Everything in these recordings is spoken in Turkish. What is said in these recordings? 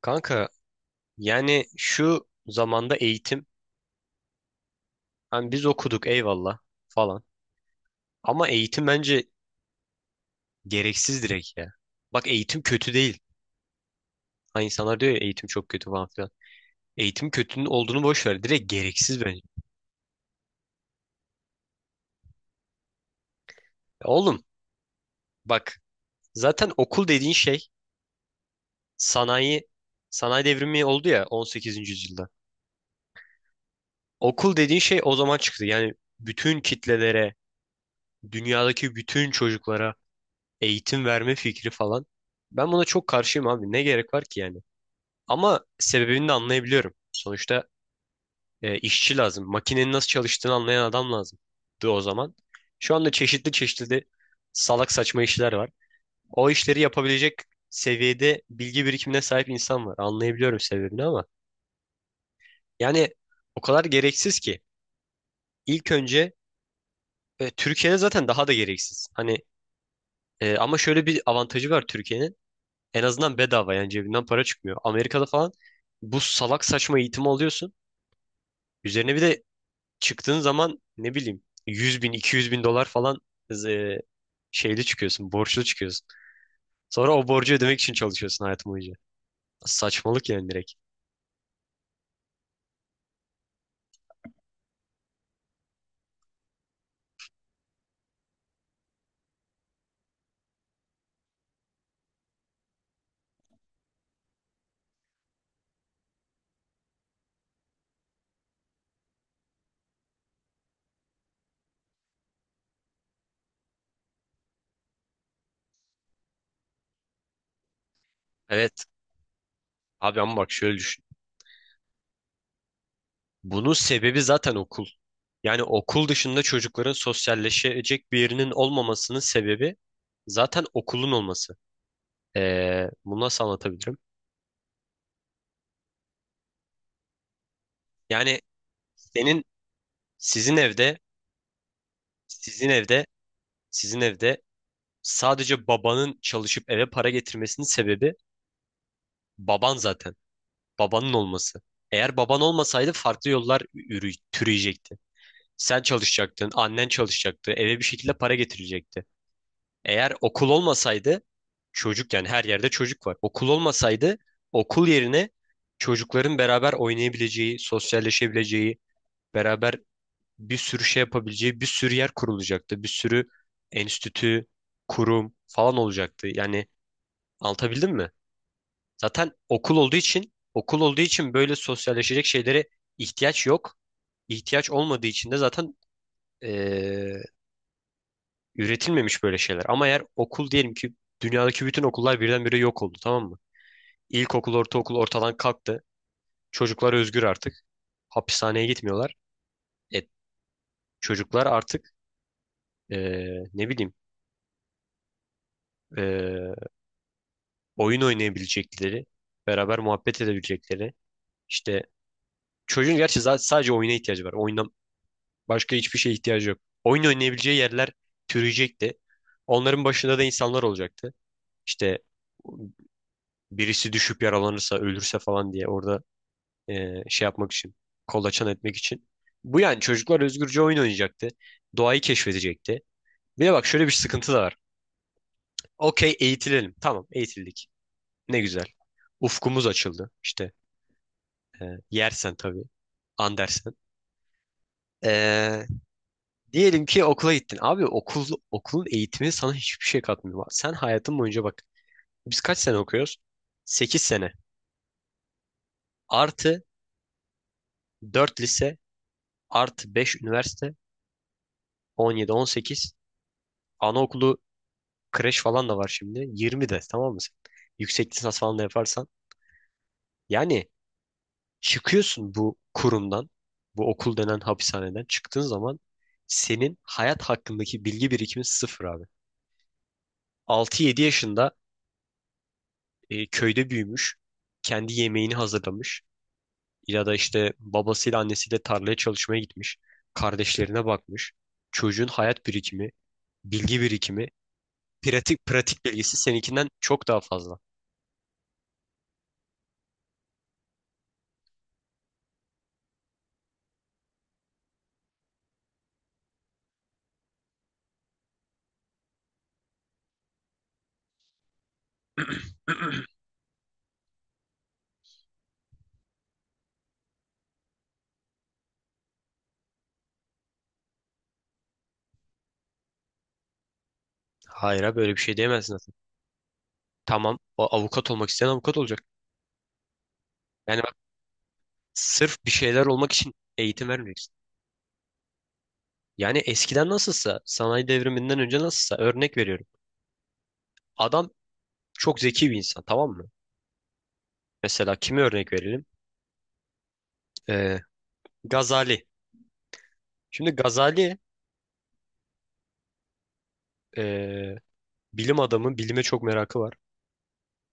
Kanka, yani şu zamanda eğitim, hani biz okuduk eyvallah falan, ama eğitim bence gereksiz direkt ya. Bak, eğitim kötü değil. Hani insanlar diyor ya eğitim çok kötü falan filan. Eğitim kötünün olduğunu boş ver. Direkt gereksiz bence. Ya oğlum, bak, zaten okul dediğin şey, sanayi sanayi devrimi oldu ya 18. yüzyılda. Okul dediğin şey o zaman çıktı. Yani bütün kitlelere, dünyadaki bütün çocuklara eğitim verme fikri falan. Ben buna çok karşıyım abi. Ne gerek var ki yani? Ama sebebini de anlayabiliyorum. Sonuçta işçi lazım. Makinenin nasıl çalıştığını anlayan adam lazımdı o zaman. Şu anda çeşitli çeşitli de salak saçma işler var. O işleri yapabilecek seviyede bilgi birikimine sahip insan var. Anlayabiliyorum sebebini, ama yani o kadar gereksiz ki. İlk önce Türkiye'de zaten daha da gereksiz. Hani ama şöyle bir avantajı var Türkiye'nin. En azından bedava, yani cebinden para çıkmıyor. Amerika'da falan bu salak saçma eğitimi alıyorsun. Üzerine bir de çıktığın zaman ne bileyim 100 bin 200 bin dolar falan, e, şeyli çıkıyorsun, borçlu çıkıyorsun. Sonra o borcu ödemek için çalışıyorsun hayatım boyunca. Saçmalık yani direkt. Evet abi, ama bak şöyle düşün. Bunun sebebi zaten okul. Yani okul dışında çocukların sosyalleşecek bir yerinin olmamasının sebebi zaten okulun olması. Bunu nasıl anlatabilirim? Yani senin sizin evde Sizin evde, sizin evde sadece babanın çalışıp eve para getirmesinin sebebi baban zaten. Babanın olması. Eğer baban olmasaydı farklı yollar türüyecekti. Sen çalışacaktın, annen çalışacaktı, eve bir şekilde para getirecekti. Eğer okul olmasaydı, çocuk, yani her yerde çocuk var. Okul olmasaydı, okul yerine çocukların beraber oynayabileceği, sosyalleşebileceği, beraber bir sürü şey yapabileceği bir sürü yer kurulacaktı. Bir sürü enstitü, kurum falan olacaktı. Yani, anlatabildim mi? Zaten okul olduğu için böyle sosyalleşecek şeylere ihtiyaç yok. İhtiyaç olmadığı için de zaten eee, üretilmemiş böyle şeyler. Ama eğer okul, diyelim ki dünyadaki bütün okullar birdenbire yok oldu, tamam mı? İlkokul, ortaokul ortadan kalktı. Çocuklar özgür artık. Hapishaneye gitmiyorlar. E, Çocuklar artık ne bileyim, eee, oyun oynayabilecekleri, beraber muhabbet edebilecekleri. İşte çocuğun gerçi sadece oyuna ihtiyacı var. Oyundan başka hiçbir şeye ihtiyacı yok. Oyun oynayabileceği yerler türeyecekti. Onların başında da insanlar olacaktı. İşte birisi düşüp yaralanırsa, ölürse falan diye orada şey yapmak için, kolaçan etmek için. Bu, yani çocuklar özgürce oyun oynayacaktı. Doğayı keşfedecekti. Bir de bak, şöyle bir sıkıntı da var. Okey, eğitilelim. Tamam, eğitildik. Ne güzel. Ufkumuz açıldı. İşte, e, yersen tabii. Andersen. Ee, Diyelim ki okula gittin. Abi okulun eğitimi sana hiçbir şey katmıyor. Sen hayatın boyunca bak. Biz kaç sene okuyoruz? 8 sene. Artı 4 lise, artı 5 üniversite, 17 18. Anaokulu, kreş falan da var şimdi. 20 de, tamam mı sen? Yüksek lisans falan da yaparsan. Yani çıkıyorsun bu kurumdan, bu okul denen hapishaneden çıktığın zaman senin hayat hakkındaki bilgi birikimin sıfır abi. 6 7 yaşında, köyde büyümüş. Kendi yemeğini hazırlamış. Ya da işte babasıyla annesiyle tarlaya çalışmaya gitmiş. Kardeşlerine bakmış. Çocuğun hayat birikimi, bilgi birikimi, pratik pratik bilgisi seninkinden çok daha fazla. Hayır abi, böyle bir şey diyemezsin zaten. Tamam, o avukat olmak isteyen avukat olacak. Yani bak, sırf bir şeyler olmak için eğitim vermeyeceksin. Yani eskiden nasılsa, sanayi devriminden önce nasılsa, örnek veriyorum. Adam çok zeki bir insan, tamam mı? Mesela kimi örnek verelim? Ee, Gazali. Şimdi Gazali eee, bilim adamı, bilime çok merakı var.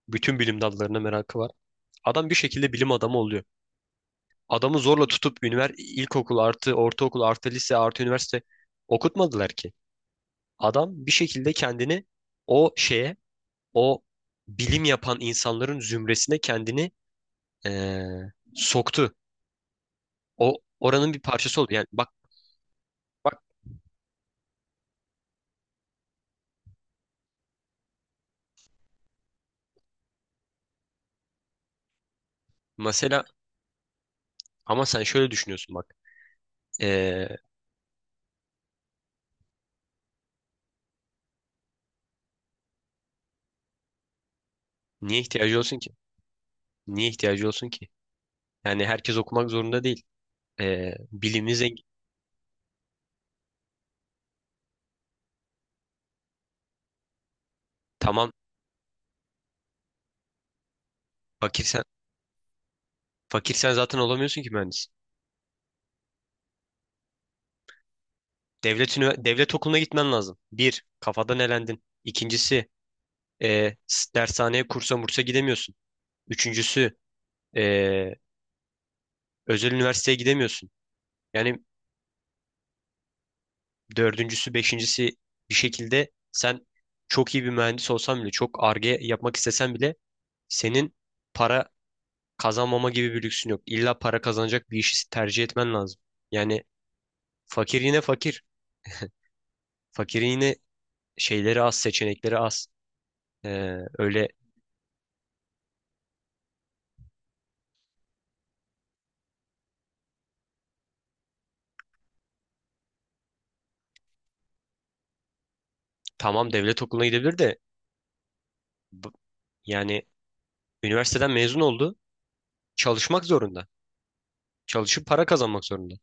Bütün bilim dallarına merakı var. Adam bir şekilde bilim adamı oluyor. Adamı zorla tutup ilkokul artı ortaokul artı lise artı üniversite okutmadılar ki. Adam bir şekilde kendini o şeye, o bilim yapan insanların zümresine kendini soktu. O, oranın bir parçası oldu. Yani bak mesela, ama sen şöyle düşünüyorsun bak. Eee, Niye ihtiyacı olsun ki? Niye ihtiyacı olsun ki? Yani herkes okumak zorunda değil. Bilimi zengin. Tamam, fakirsen fakirsen zaten olamıyorsun ki mühendis. Devlet, devlet okuluna gitmen lazım. Bir, kafadan elendin. İkincisi, dershaneye kursa mursa gidemiyorsun. Üçüncüsü, e, özel üniversiteye gidemiyorsun. Yani dördüncüsü, beşincisi, bir şekilde sen çok iyi bir mühendis olsan bile, çok arge yapmak istesen bile senin para kazanmama gibi bir lüksün yok. İlla para kazanacak bir işi tercih etmen lazım. Yani fakir yine fakir. Fakirin yine şeyleri az, seçenekleri az. Öyle, tamam devlet okuluna gidebilir de, bu- yani üniversiteden mezun oldu. Çalışmak zorunda. Çalışıp para kazanmak zorunda.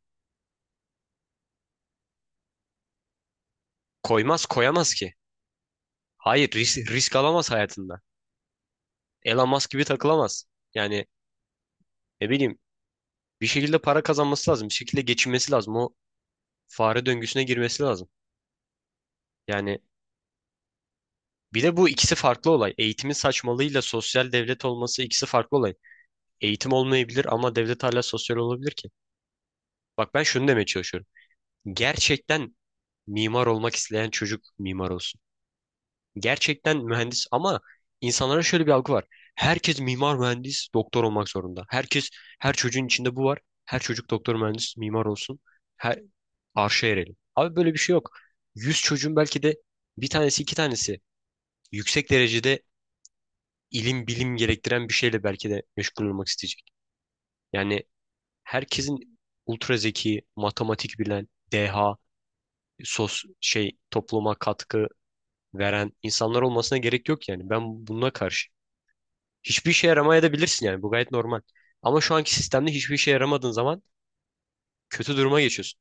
Koymaz, koyamaz ki. Hayır, risk alamaz hayatında. Elon Musk gibi takılamaz. Yani ne bileyim, bir şekilde para kazanması lazım. Bir şekilde geçinmesi lazım. O fare döngüsüne girmesi lazım. Yani bir de bu ikisi farklı olay. Eğitimin saçmalığıyla sosyal devlet olması ikisi farklı olay. Eğitim olmayabilir ama devlet hala sosyal olabilir ki. Bak, ben şunu demeye çalışıyorum. Gerçekten mimar olmak isteyen çocuk mimar olsun. Gerçekten mühendis, ama insanlara şöyle bir algı var. Herkes mimar, mühendis, doktor olmak zorunda. Herkes, her çocuğun içinde bu var. Her çocuk doktor, mühendis, mimar olsun. Her arşa erelim. Abi böyle bir şey yok. 100 çocuğun belki de bir tanesi, iki tanesi yüksek derecede ilim, bilim gerektiren bir şeyle belki de meşgul olmak isteyecek. Yani herkesin ultra zeki, matematik bilen, deha, şey topluma katkı veren insanlar olmasına gerek yok yani. Ben buna karşı. Hiçbir işe yaramaya da bilirsin yani. Bu gayet normal. Ama şu anki sistemde hiçbir işe yaramadığın zaman kötü duruma geçiyorsun.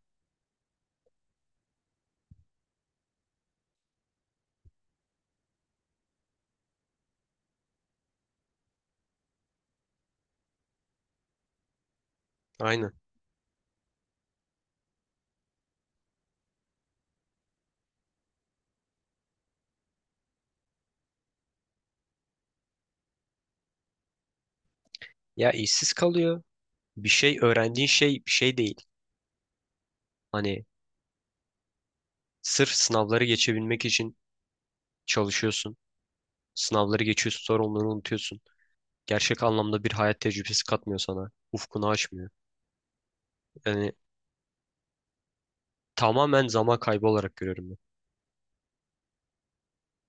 Aynen. Ya işsiz kalıyor. Bir şey öğrendiğin şey bir şey değil. Hani sırf sınavları geçebilmek için çalışıyorsun. Sınavları geçiyorsun, sonra onları unutuyorsun. Gerçek anlamda bir hayat tecrübesi katmıyor sana. Ufkunu açmıyor. Yani tamamen zaman kaybı olarak görüyorum ben.